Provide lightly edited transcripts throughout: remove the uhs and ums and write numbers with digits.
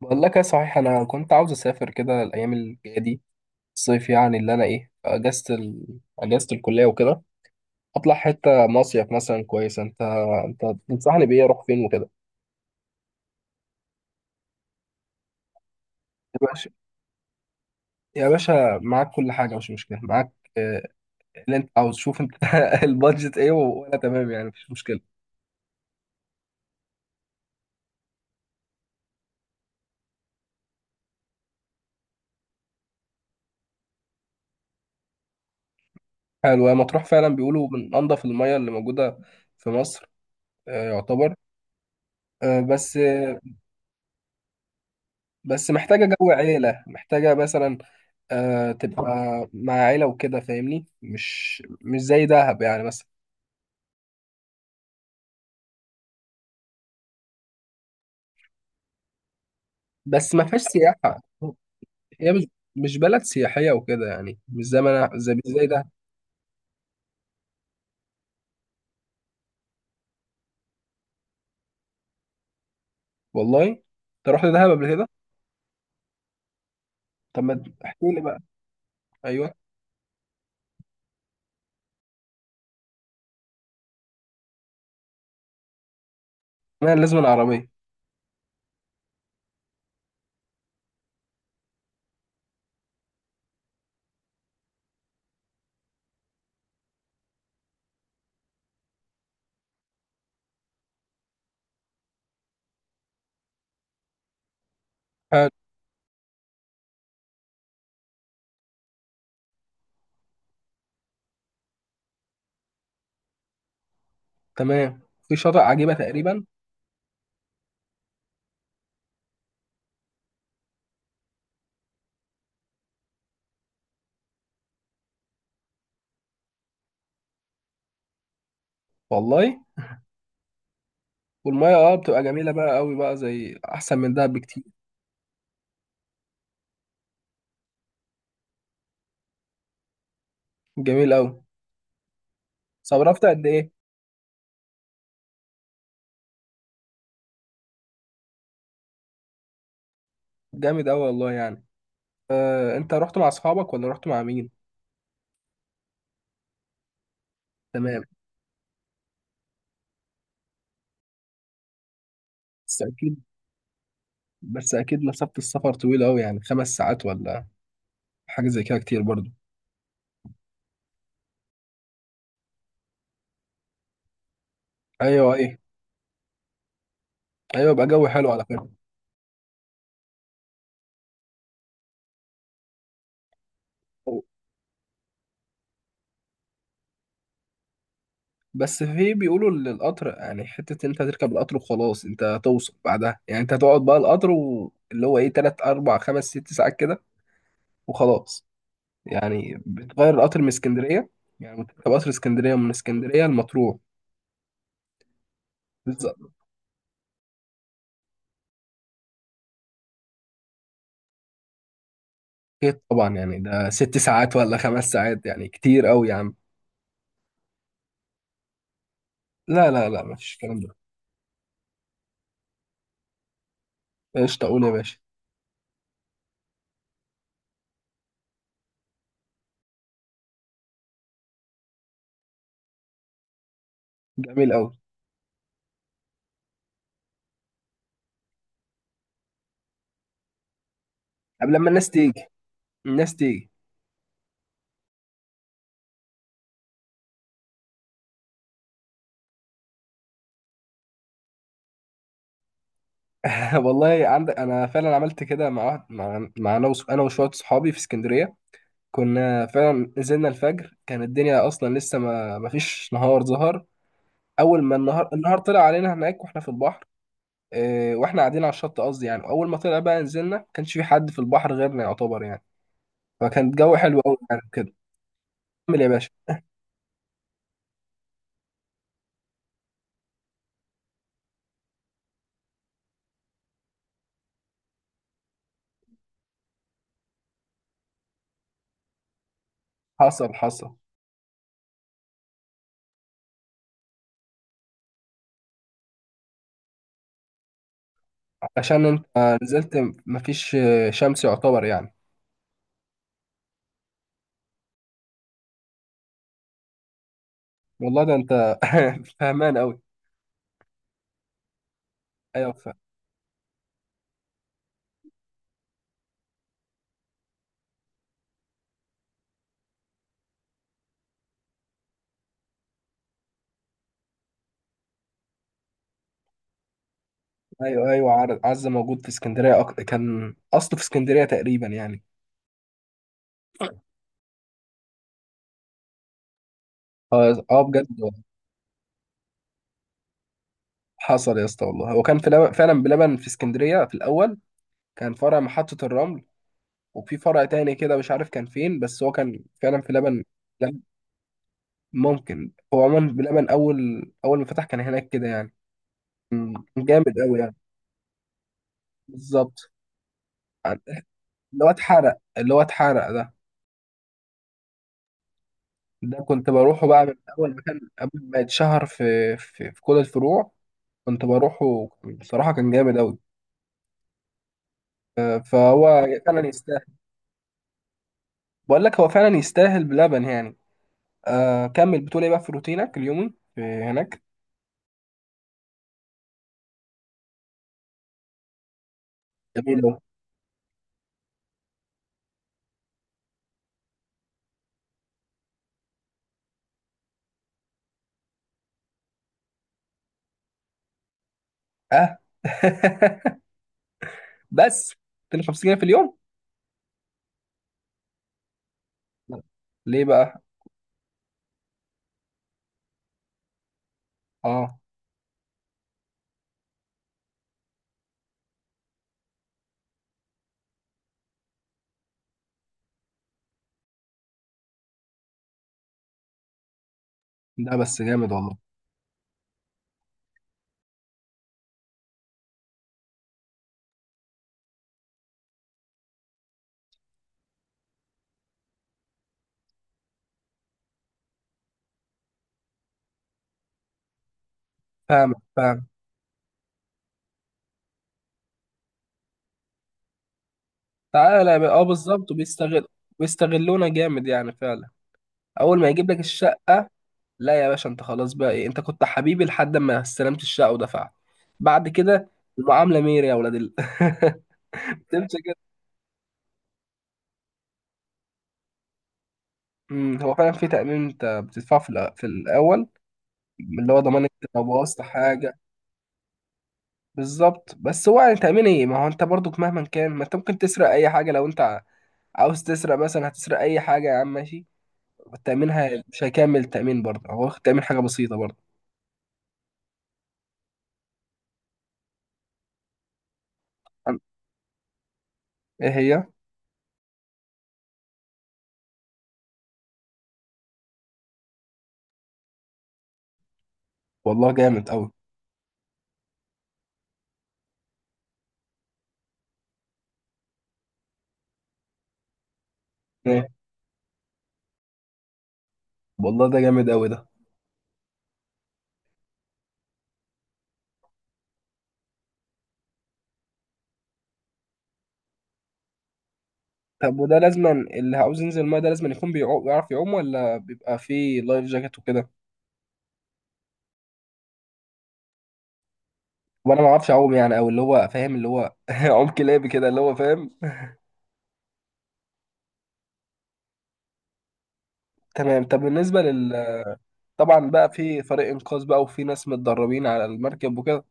بقول لك ايه، صحيح انا كنت عاوز اسافر كده الايام الجايه دي الصيف، يعني اللي انا اجازه اجازه الكليه وكده. اطلع حته مصيف مثلا، كويس؟ انت تنصحني بايه؟ اروح فين وكده؟ يا باشا، يا باشا معاك كل حاجه، مش مشكله معاك. آه، اللي انت عاوز، شوف انت البادجت ايه، وانا تمام يعني، مفيش مشكله. حلو، هي مطروح فعلا بيقولوا من انضف المياه اللي موجوده في مصر. آه، يعتبر. آه، بس آه، بس محتاجه جو عيله، محتاجه مثلا آه تبقى مع عيلة وكده، فاهمني؟ مش زي دهب يعني مثلا. بس ما فيهاش سياحة. هي مش بلد سياحية وكده، يعني مش زي ما انا، زي مش زي دهب. والله انت رحت دهب قبل كده؟ طب ما احكي لي بقى. ايوه. تمام، لازم العربية. حلو. تمام. في شاطئ عجيبة تقريبا. والله. والمية اه بتبقى جميلة بقى قوي بقى، زي احسن من دهب بكتير. جميل قوي. صرفت قد ايه؟ جامد قوي والله يعني. آه، انت رحت مع اصحابك ولا رحت مع مين؟ تمام. بس أكيد، بس اكيد مسافة السفر طويلة قوي، يعني خمس ساعات ولا حاجة زي كده، كتير برضو. ايوه، ايوه. ايوه بقى، جو حلو على فكرة. بس في بيقولوا ان القطر يعني حتة، انت تركب القطر وخلاص، انت هتوصل بعدها يعني، انت هتقعد بقى القطر واللي هو ايه، تلات اربع خمس ست ساعات كده، وخلاص. يعني بتغير القطر من اسكندرية؟ يعني بتركب قطر اسكندرية، من اسكندرية لمطروح. بالظبط. اكيد طبعا، يعني ده ست ساعات ولا خمس ساعات، يعني كتير قوي يا عم. لا لا لا، مفيش الكلام ده. قشطة، قول يا باشا. جميل قوي. قبل لما الناس تيجي، الناس تيجي. والله عندك، انا فعلا عملت كده مع واحد، مع انا وشويه صحابي في اسكندريه. كنا فعلا نزلنا الفجر، كان الدنيا اصلا لسه ما فيش نهار ظهر. اول ما النهار، طلع علينا هناك واحنا في البحر. إيه، واحنا قاعدين على الشط، قصدي يعني اول ما طلع بقى نزلنا، ما كانش في حد في البحر غيرنا يعتبر يعني. فكان الجو حلو قوي يعني كده. كمل يا باشا. حصل حصل. عشان انت نزلت، ما فيش شمس يعتبر يعني. والله ده انت فهمان قوي. ايوه ايوه. ايوه، عارف، عزة موجود في اسكندريه، كان اصله في اسكندريه تقريبا يعني. اه اه، بجد. حصل يا اسطى، والله هو كان فعلا بلبن في اسكندريه في الاول. كان فرع محطه الرمل، وفي فرع تاني كده مش عارف كان فين، بس هو كان فعلا في لبن. لبن. ممكن، هو عموما بلبن اول، ما فتح كان هناك كده يعني. مم. جامد قوي يعني. بالظبط. عن- اللي هو اتحرق، اللي هو اتحرق ده. ده كنت بروحه بقى من اول ما كان، قبل ما يتشهر في كل الفروع. كنت بروحه بصراحة، كان جامد أوي. آه، فهو فعلا يستاهل. بقول لك هو فعلا يستاهل بلبن يعني. آه، كمل بتقول ايه بقى في روتينك اليومي في هناك. جميل أوي. اه. بس 250 جنيه في اليوم؟ لا. ليه بقى؟ اه. ده بس جامد والله. فاهم فاهم. تعالى بقى، اه بالظبط، وبيستغل. بيستغلونا جامد يعني فعلا. اول ما يجيب لك الشقة. لا يا باشا، انت خلاص بقى ايه، انت كنت حبيبي لحد ما استلمت الشقه ودفعت. بعد كده المعامله ميري يا ولاد ال... تمشي كده. هو فعلا في تامين انت بتدفعه في الاول، اللي هو ضمان انت لو بوظت حاجه. بالظبط، بس هو يعني تامين ايه، ما هو انت برضك مهما كان، ما انت ممكن تسرق اي حاجه، لو انت عاوز تسرق مثلا هتسرق اي حاجه يا عم، ماشي. التامين مش هيكمل، التامين برضه هو واخد تامين حاجه بسيطه برضه. عن- ايه هي؟ والله جامد قوي. ايه، والله ده جامد قوي ده. طب وده لازما اللي عاوز ينزل الماء ده لازما يكون بيعرف يعوم؟ ولا بيبقى فيه لايف جاكيت وكده؟ وانا ما اعرفش اعوم يعني، او اللي هو فاهم، اللي هو عوم كلابي كده اللي هو فاهم. تمام، طب بالنسبه لل... طبعا بقى في فريق انقاذ بقى، وفي ناس متدربين على المركب وكده؟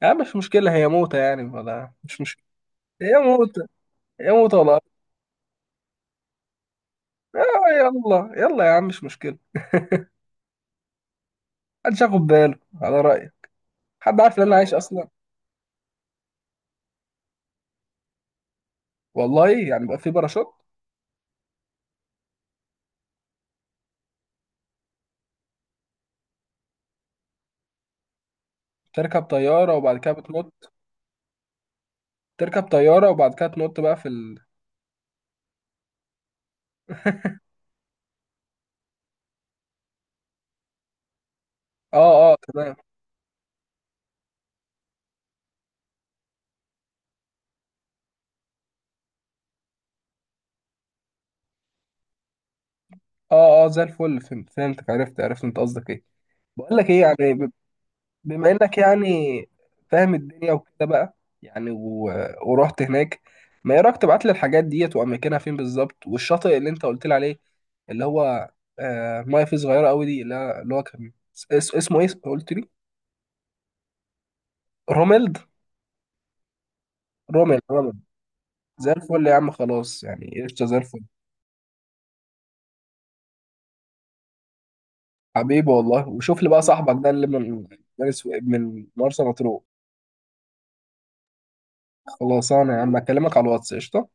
يعني مش مشكله، هي موتة يعني، ولا مش مشكله. هي موتة، هي موتة ولا آه. يلا يلا يا عم، مش مشكله. محدش ياخد باله، على رأيي. حد عارف ان انا عايش اصلا؟ والله يعني بقى في باراشوت؟ تركب طياره وبعد كده بتنط؟ تركب طيارة وبعد كده تنط بقى في ال... اه اه، تمام. اه اه، زي الفل، فهمت، فهمتك، عرفت، عرفت انت قصدك ايه. بقول لك ايه يعني، بما انك يعني فاهم الدنيا وكده بقى، يعني و... ورحت هناك. ما ايه رايك تبعت لي الحاجات ديت واماكنها فين بالظبط، والشاطئ اللي انت قلت لي عليه اللي هو، آه ميه فيه صغيره قوي دي، اللي هو كان اسمه ايه قلت لي؟ روميلد، روميلد، روميلد. زي الفل يا عم، خلاص يعني، قشطه، زي الفل. حبيبي والله، وشوف لي بقى صاحبك ده اللي من من مرسى مطروح. خلاص انا يا عم اكلمك على الواتس، قشطه.